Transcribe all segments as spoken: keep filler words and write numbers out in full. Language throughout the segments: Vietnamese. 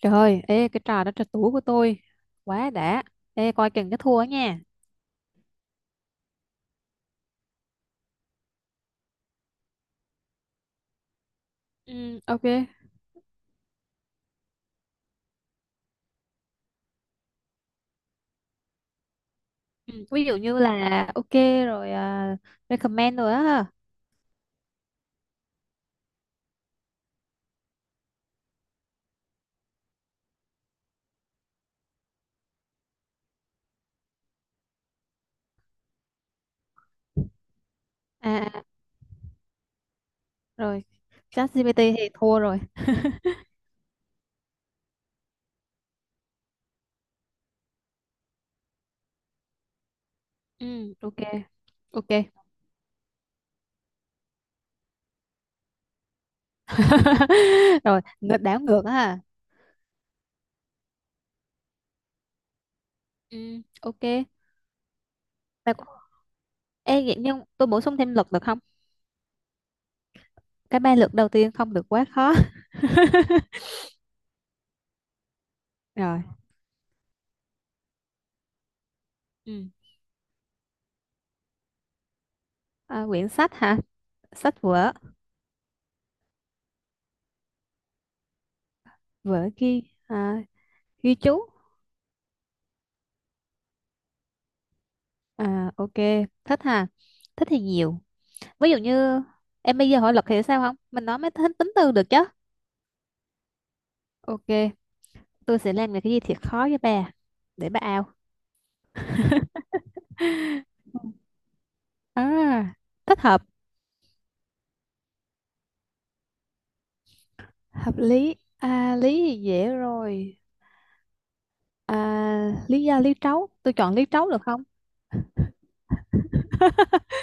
Trời ơi, ê cái trò đó trò tủ của tôi quá đã. Ê coi chừng cái thua nha. Ừ, ok. Ừ, ví dụ như là ok rồi à, recommend rồi á. À, à, rồi ChatGPT thì thua rồi. Ừ, ok. Ok. Rồi, ngược đảo ngược á. Ha. Ừ, ok. Mà, có- ê vậy nhưng tôi bổ sung thêm luật được không? Cái ba luật đầu tiên không được quá khó. Rồi. Ừ. À, quyển sách hả? Sách vở, vở ghi à, ghi chú. À ok, thích ha. Thích thì nhiều. Ví dụ như em bây giờ hỏi luật thì sao không? Mình nói mới tính tính từ được chứ. Ok, tôi sẽ làm cái gì thiệt khó với bà để bà ao. À, thích hợp, hợp lý. À, lý thì dễ rồi. À, lý do lý trấu, tôi chọn lý trấu được không?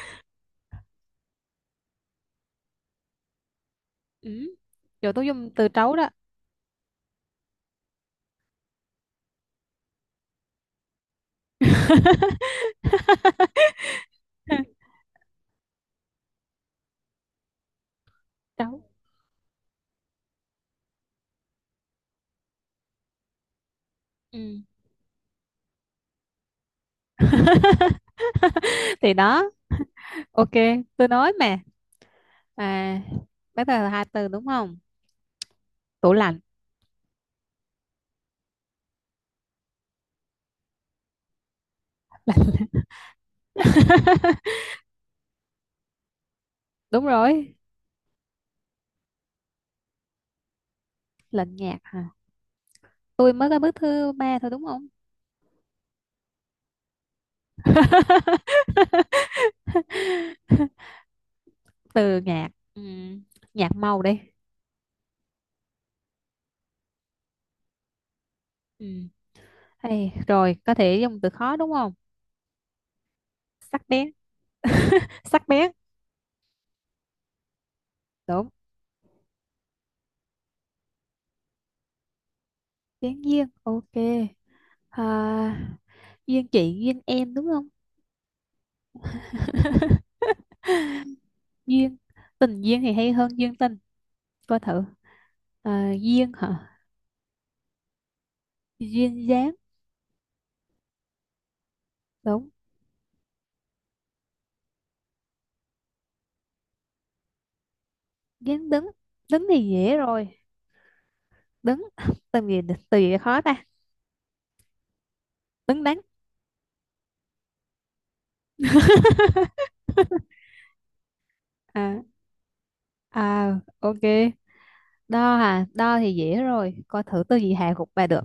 Ừ. Rồi tôi dùng từ trấu đó. Trấu. Ừ. Thì đó, ok, tôi nói mà. À, bắt đầu là hai từ đúng không? Tủ lạnh. Đúng rồi. Lạnh nhạt hả? Tôi mới có bước thứ ba thôi đúng không? Từ nhạt ừ. Nhạt màu đi. Ừ. Hay, rồi có thể dùng từ khó đúng không? Sắc bén. Sắc bén. Đúng. Bén duyên ok. À, duyên chị duyên em đúng không? Duyên tình duyên thì hay hơn duyên tình, coi thử. À, duyên hả? Duyên dáng. Đúng. Dáng đứng. Đứng thì dễ rồi. Đứng, từ gì, từ gì khó ta. Đứng đắn. À, à, ok. Đo hả? Đo thì dễ rồi, coi thử từ gì hạ gục bà được.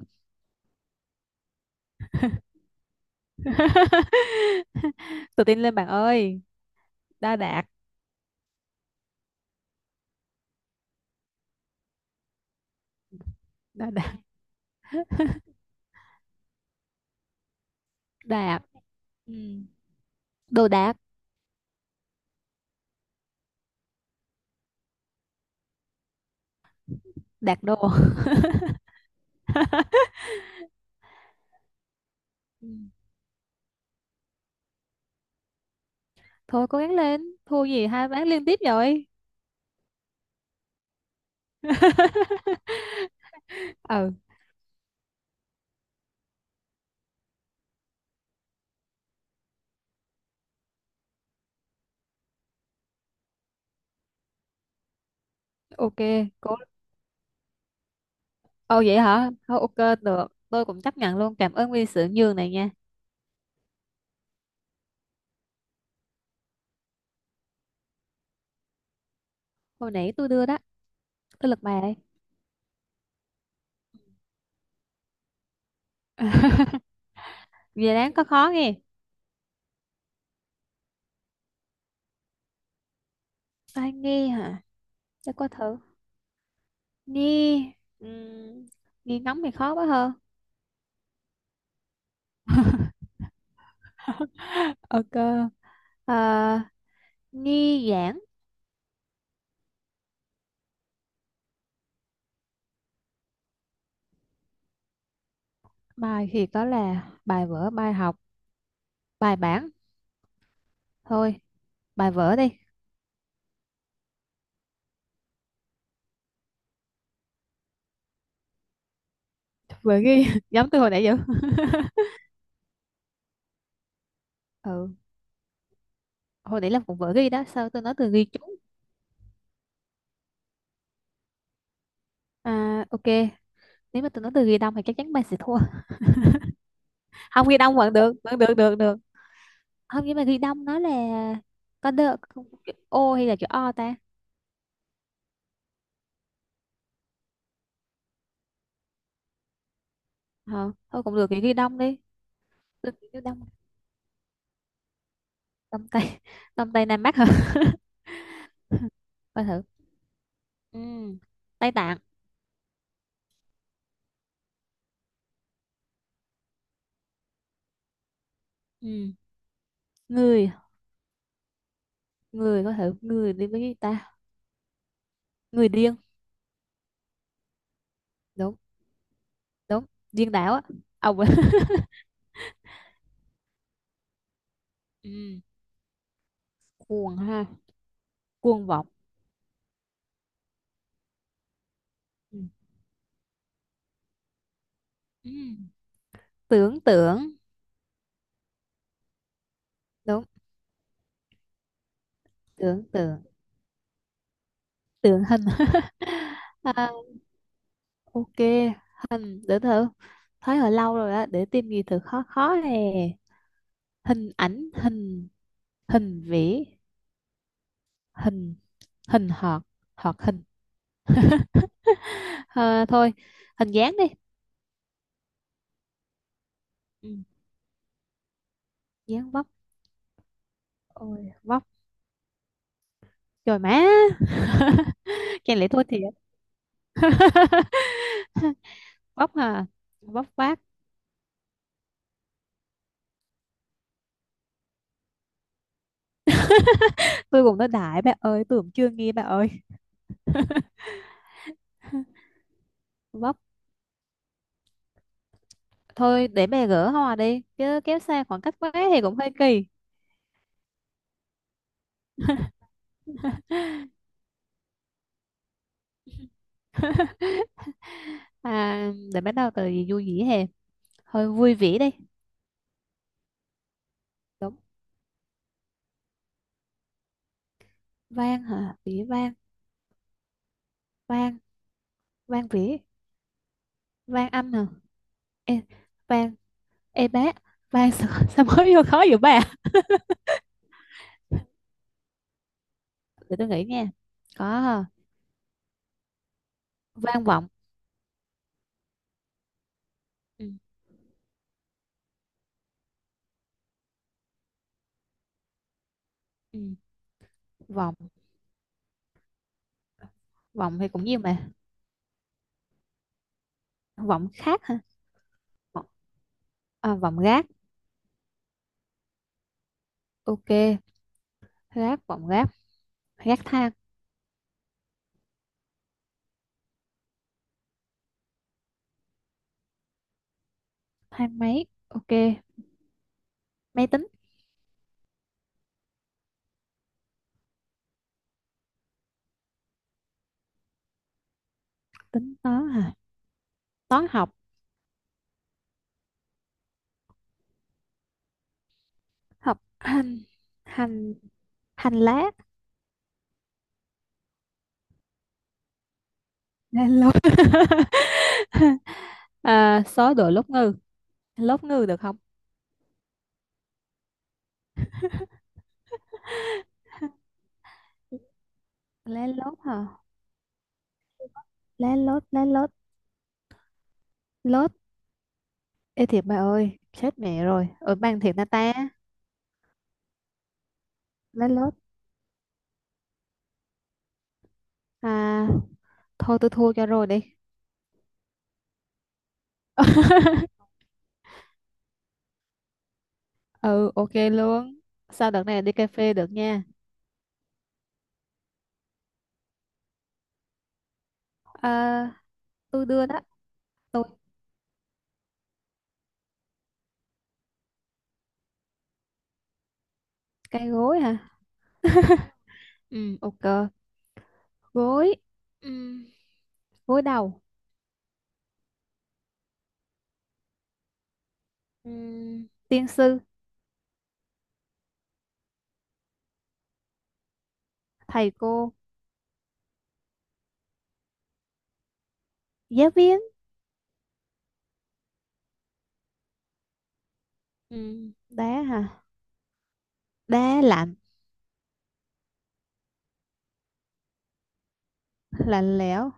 Tự tin lên bạn ơi. Đo đạc. Đo đạc. Đạc. Ừ. Đồ đạc. Đạc đồ. Ừ. Thôi cố gắng lên, thua gì hai ván liên tiếp rồi. Ừ, ok. Cố. Ồ vậy hả, thôi ok được, tôi cũng chấp nhận luôn, cảm ơn vì sự nhường này nha. Hồi nãy tôi đưa đó. Tôi lật bài đây. Về đáng có khó nghe. Ai nghe hả? Chắc có thử. Nghe. Uhm, Nghe ngóng thì khó quá hơn. Ok. Ờ, nghi giảng. Bài thì có là bài vở, bài học, bài bản. Thôi, bài vở đi. Vở ghi. Giống tôi hồi nãy vậy. Ừ. Hồi nãy là cũng vở ghi đó. Sao tôi nói từ ghi chú? À, ok. Nếu mà tôi nói từ ghi đông thì chắc chắn bạn sẽ thua. Không ghi đông vẫn được. Vẫn được, được, được. Không, nhưng mà ghi đông nó là có được. Chữ O hay là chữ O ta? Ờ, thôi cũng được thì ghi đông đi. Tôi nghĩ nước đông. Đông tây. Đông tây nam bắc hả? Coi thử. Ừ. Tây Tạng. Ừ. Người. Người coi thử người đi với gì ta. Người điên. Đúng. Đúng. Điên đảo á ông. ấy. Ừ. Cuồng ha. Cuồng vọng. Ừ. Ừ. Tưởng tượng. Đúng. Tưởng tượng. Tượng hình. À, ok. Hình để thử, thấy hồi lâu rồi á, để tìm gì thử khó khó nè. Hình ảnh, hình, hình vẽ, hình, hình họt, họt hình. Ờ, thôi hình dáng đi. Ừ. Dáng vóc. Ôi vóc trời má. Chẳng lẽ tôi thiệt. Vóc à. Vóc vác. Tôi cũng nói đại bà ơi, tôi cũng chưa nghe bà ơi. Vóc, thôi để bà gỡ hoa đi chứ kéo xa khoảng cách quá thì cũng hơi kỳ. À, để bắt đầu từ gì vui vẻ hè. Hơi vui vẻ đi. Đúng. Vang hả? Vĩ vang. Vang. Vang vỉ. Vang âm hả? Ê, vang, ê bác, vang sao, sao mới vô khó vậy bà? Để tôi nghĩ nha. Có. Vang vọng. Ừ. Ừ. Vọng, vọng thì cũng nhiều mà. Vọng khác hả? Vọng, à, vọng gác, ok. Gác, vọng gác, gác thang, thang máy, ok. Máy tính, tính toán hả? Toán học, học hành, hành, hành lá. Lá lốt. À, số đồ lốt ngư, lốt ngư được không? Lá lốt hả? Lá lốt, lá lốt, lốt. Ê thiệt bà ơi, chết mẹ rồi. Ở bang thiệt na ta, lát lốt. À, thôi tôi thua cho rồi đi. Ừ, ok luôn. Sao đợt này đi cà phê được nha. À, tôi đưa đó. Cái gối hả? Ừ, ok. Gối. Ừ, gối đầu. Ừ, tiên sư, thầy cô, giáo viên. Ừ, đá hả? Đá lạnh, lạnh lẽo.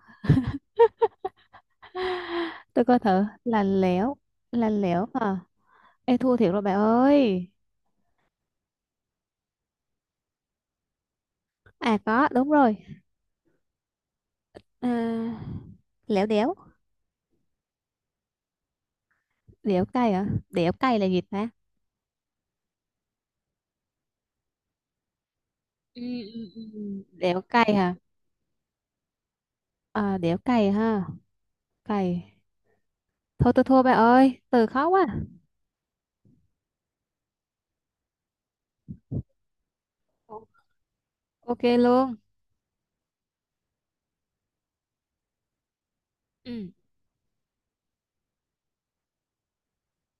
Tôi coi thử, lạnh lẽo, lạnh lẽo hả? Ê thua thiệt rồi bà ơi. À có, đúng rồi. À, léo đéo. Đéo cay à, đéo cay là gì ta. Ừ, ừ, ừ. Ừ. Đéo cay hả? À, đéo cay ha. Cay, thôi tôi thua bà ơi, từ khó quá. Ô- ok luôn. Ừ.